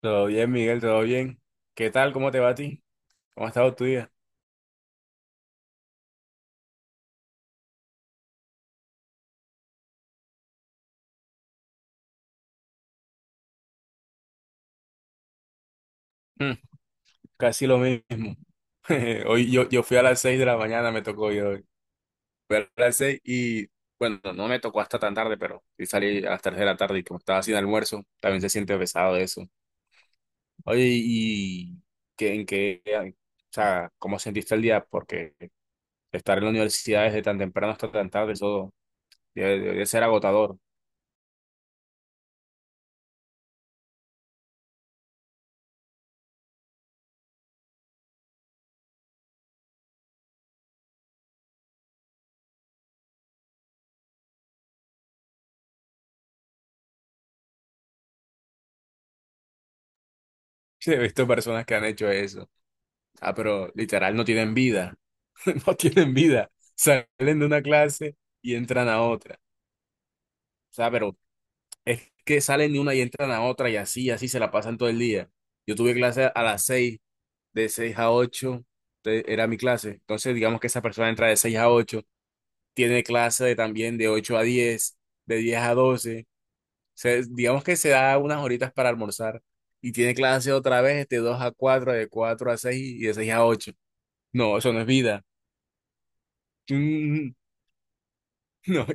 Todo bien, Miguel, todo bien. ¿Qué tal? ¿Cómo te va a ti? ¿Cómo ha estado tu día? Mm, Casi lo mismo. Hoy yo fui a las 6 de la mañana, me tocó yo hoy. Fui a las 6 y, bueno, no me tocó hasta tan tarde, pero sí salí a las 3 de la tarde y como estaba sin almuerzo, también se siente pesado eso. Oye, ¿y en qué, o sea, cómo sentiste el día? Porque estar en la universidad desde tan temprano hasta tan tarde, eso debe ser agotador. He visto personas que han hecho eso. Ah, pero literal no tienen vida. No tienen vida. Salen de una clase y entran a otra. O sea, pero es que salen de una y entran a otra y así, así se la pasan todo el día. Yo tuve clase a las 6, de 6 a 8 era mi clase. Entonces, digamos que esa persona entra de 6 a 8, tiene clase también de 8 a 10, de 10 a 12. Digamos que se da unas horitas para almorzar y tiene clase otra vez de 2 a 4, de 4 a 6 y de 6 a 8. No, eso no es vida. Mm, No,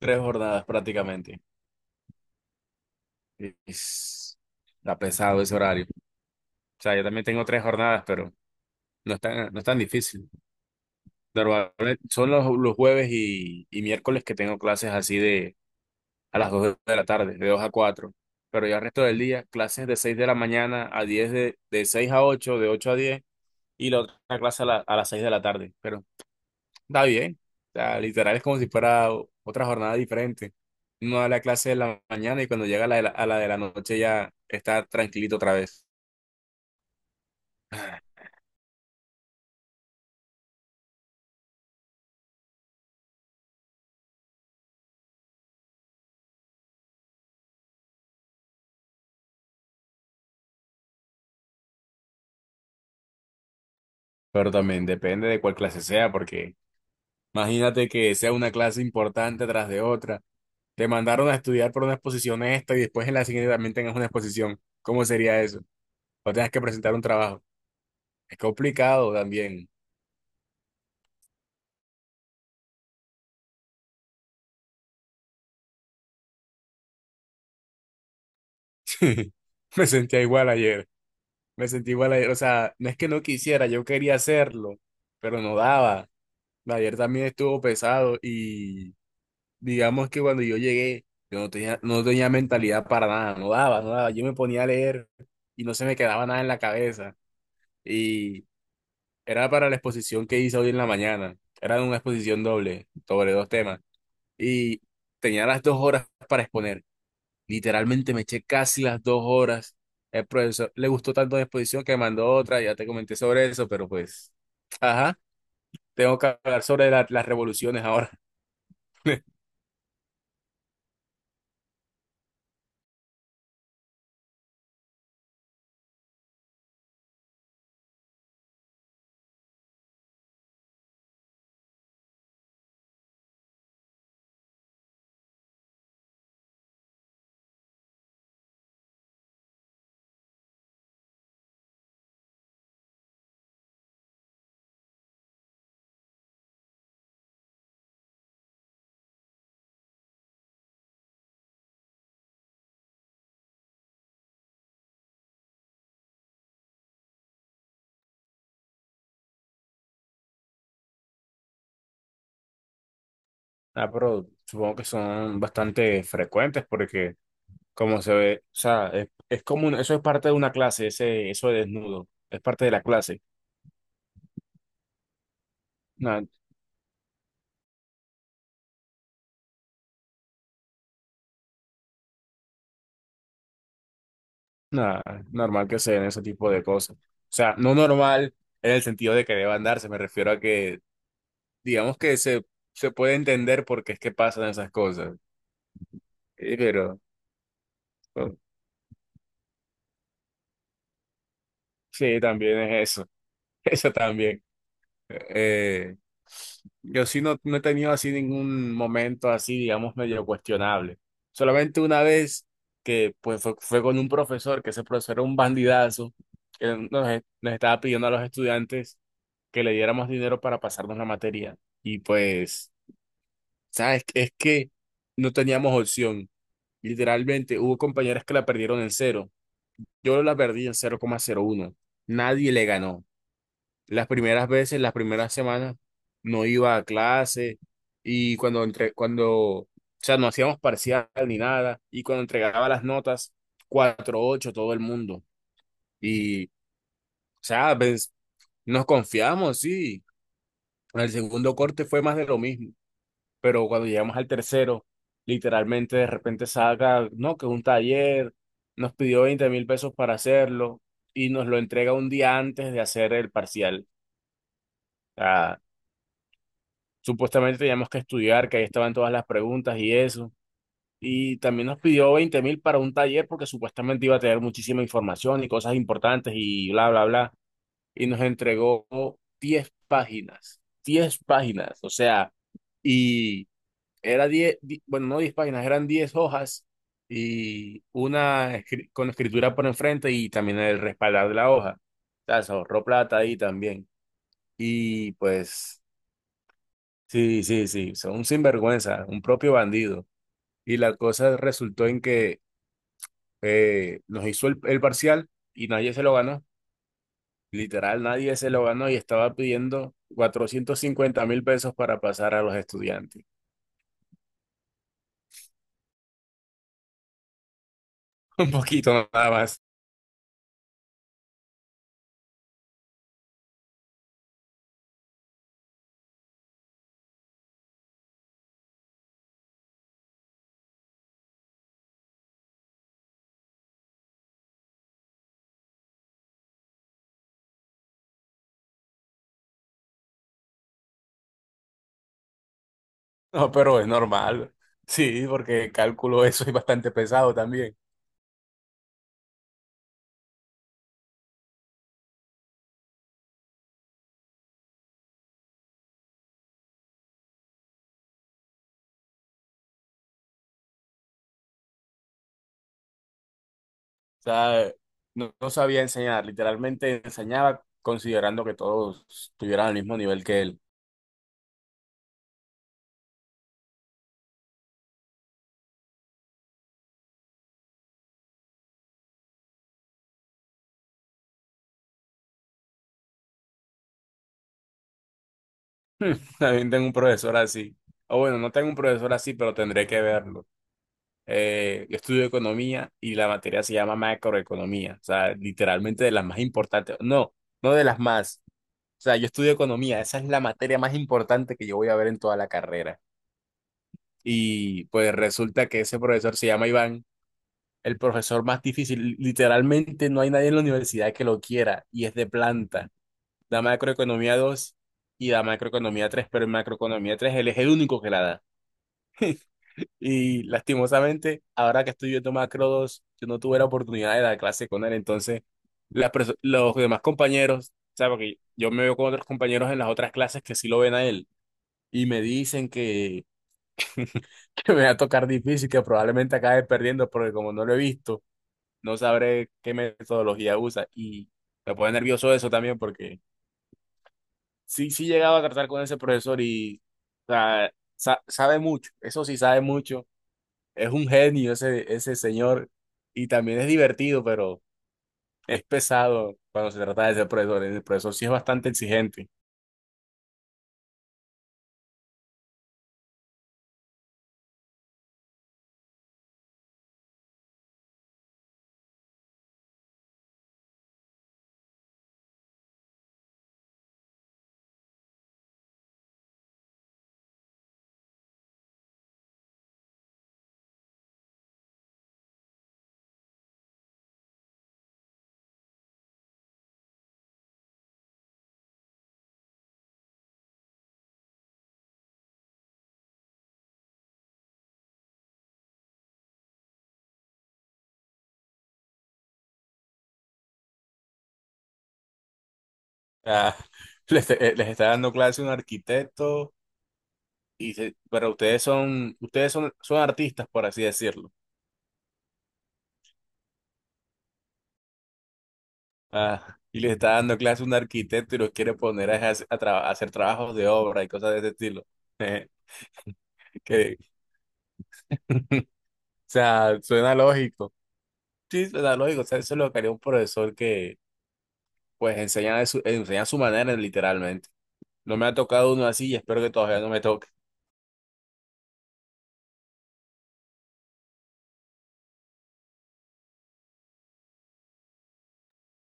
tres jornadas prácticamente. Es- Está pesado ese horario. O sea, yo también tengo tres jornadas, pero no es tan difícil. Normalmente son los jueves y miércoles que tengo clases así de a las 2 de la tarde, de 2 a 4. Pero ya el resto del día, clases de 6 de la mañana a 10 de 6 a 8 de 8 a 10 y la otra clase a las 6 de la tarde. Pero está bien. O sea, literal es como si fuera otra jornada diferente. Uno da la clase de la mañana y cuando llega a la de la noche ya está tranquilito otra vez. Pero también depende de cuál clase sea, porque imagínate que sea una clase importante tras de otra. Te mandaron a estudiar por una exposición esta y después en la siguiente también tengas una exposición. ¿Cómo sería eso? O tengas que presentar un trabajo. Es complicado también. Me sentía igual ayer. Me sentí igual ayer. O sea, no es que no quisiera, yo quería hacerlo, pero no daba. Ayer también estuvo pesado y digamos que cuando yo llegué, yo no tenía mentalidad para nada, no daba, no daba. Yo me ponía a leer y no se me quedaba nada en la cabeza. Y era para la exposición que hice hoy en la mañana. Era una exposición doble sobre 2 temas. Y tenía las 2 horas para exponer. Literalmente me eché casi las 2 horas. El profesor le gustó tanto la exposición que mandó otra, ya te comenté sobre eso, pero pues, ajá, tengo que hablar sobre las revoluciones ahora. Ah, pero supongo que son bastante frecuentes porque como se ve, o sea, es como eso es parte de una clase, ese, eso de desnudo, es parte de la clase. Nada, nada, normal que se den ese tipo de cosas. O sea, no normal en el sentido de que deban darse, me refiero a que, digamos se puede entender por qué es que pasan esas cosas. Pero, bueno, sí, también es eso, eso también. Eh, yo sí no he tenido así ningún momento así, digamos, medio cuestionable. Solamente una vez que pues fue con un profesor, que ese profesor era un bandidazo, que nos estaba pidiendo a los estudiantes que le diéramos dinero para pasarnos la materia. Y pues, ¿sabes? Es que no teníamos opción. Literalmente, hubo compañeras que la perdieron en cero. Yo la perdí en cero 0,01. Nadie le ganó. Las primeras veces, las primeras semanas, no iba a clase y cuando cuando, o sea, no hacíamos parcial ni nada y cuando entregaba las notas, cuatro ocho todo el mundo. Y, o sea, pues, nos confiamos, sí. El segundo corte fue más de lo mismo, pero cuando llegamos al tercero, literalmente de repente saca, no, que un taller, nos pidió 20.000 pesos para hacerlo y nos lo entrega un día antes de hacer el parcial. Supuestamente teníamos que estudiar, que ahí estaban todas las preguntas y eso. Y también nos pidió 20.000 para un taller porque supuestamente iba a tener muchísima información y cosas importantes y bla, bla, bla. Y nos entregó 10 páginas, 10 páginas, o sea, y era 10, bueno, no 10 páginas, eran 10 hojas y con escritura por enfrente y también el respaldar de la hoja. O sea, se ahorró plata ahí también. Y pues... Sí, sí, sí, son un sinvergüenza, un propio bandido. Y la cosa resultó en que nos hizo el parcial y nadie se lo ganó. Literal, nadie se lo ganó y estaba pidiendo 450.000 pesos para pasar a los estudiantes. Un poquito nada más. No, pero es normal. Sí, porque cálculo eso es bastante pesado también. O sea, no sabía enseñar, literalmente enseñaba considerando que todos tuvieran el mismo nivel que él. También tengo un profesor así. O bueno, no tengo un profesor así, pero tendré que verlo. Yo estudio economía y la materia se llama macroeconomía. O sea, literalmente de las más importantes. No, no de las más. O sea, yo estudio economía. Esa es la materia más importante que yo voy a ver en toda la carrera. Y pues resulta que ese profesor se llama Iván, el profesor más difícil. Literalmente no hay nadie en la universidad que lo quiera y es de planta. Da macroeconomía 2 y da macroeconomía 3, pero en macroeconomía 3 él es el único que la da. Y lastimosamente, ahora que estoy viendo Macro 2, yo no tuve la oportunidad de dar clase con él. Entonces, los demás compañeros, o sea, porque yo me veo con otros compañeros en las otras clases que sí lo ven a él y me dicen que, que me va a tocar difícil, que probablemente acabe perdiendo, porque como no lo he visto, no sabré qué metodología usa. Y me pone nervioso eso también, porque sí, sí llegaba a tratar con ese profesor y o sea, sabe mucho, eso sí sabe mucho. Es un genio ese señor y también es divertido, pero es pesado cuando se trata de ser profesor. El profesor sí es bastante exigente. Ah, les está dando clase un arquitecto, pero ustedes son, son artistas, por así decirlo. Ah, y les está dando clase un arquitecto y los quiere poner a hacer trabajos de obra y cosas de ese estilo. Eh, que, o sea, suena lógico. Sí, suena lógico. O sea, eso es lo que haría un profesor que pues enseñan de enseñan a su manera, literalmente. No me ha tocado uno así y espero que todavía no me toque.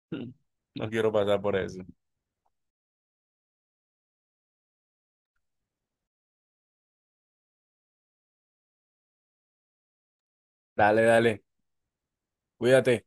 No quiero pasar por eso. Dale, dale. Cuídate.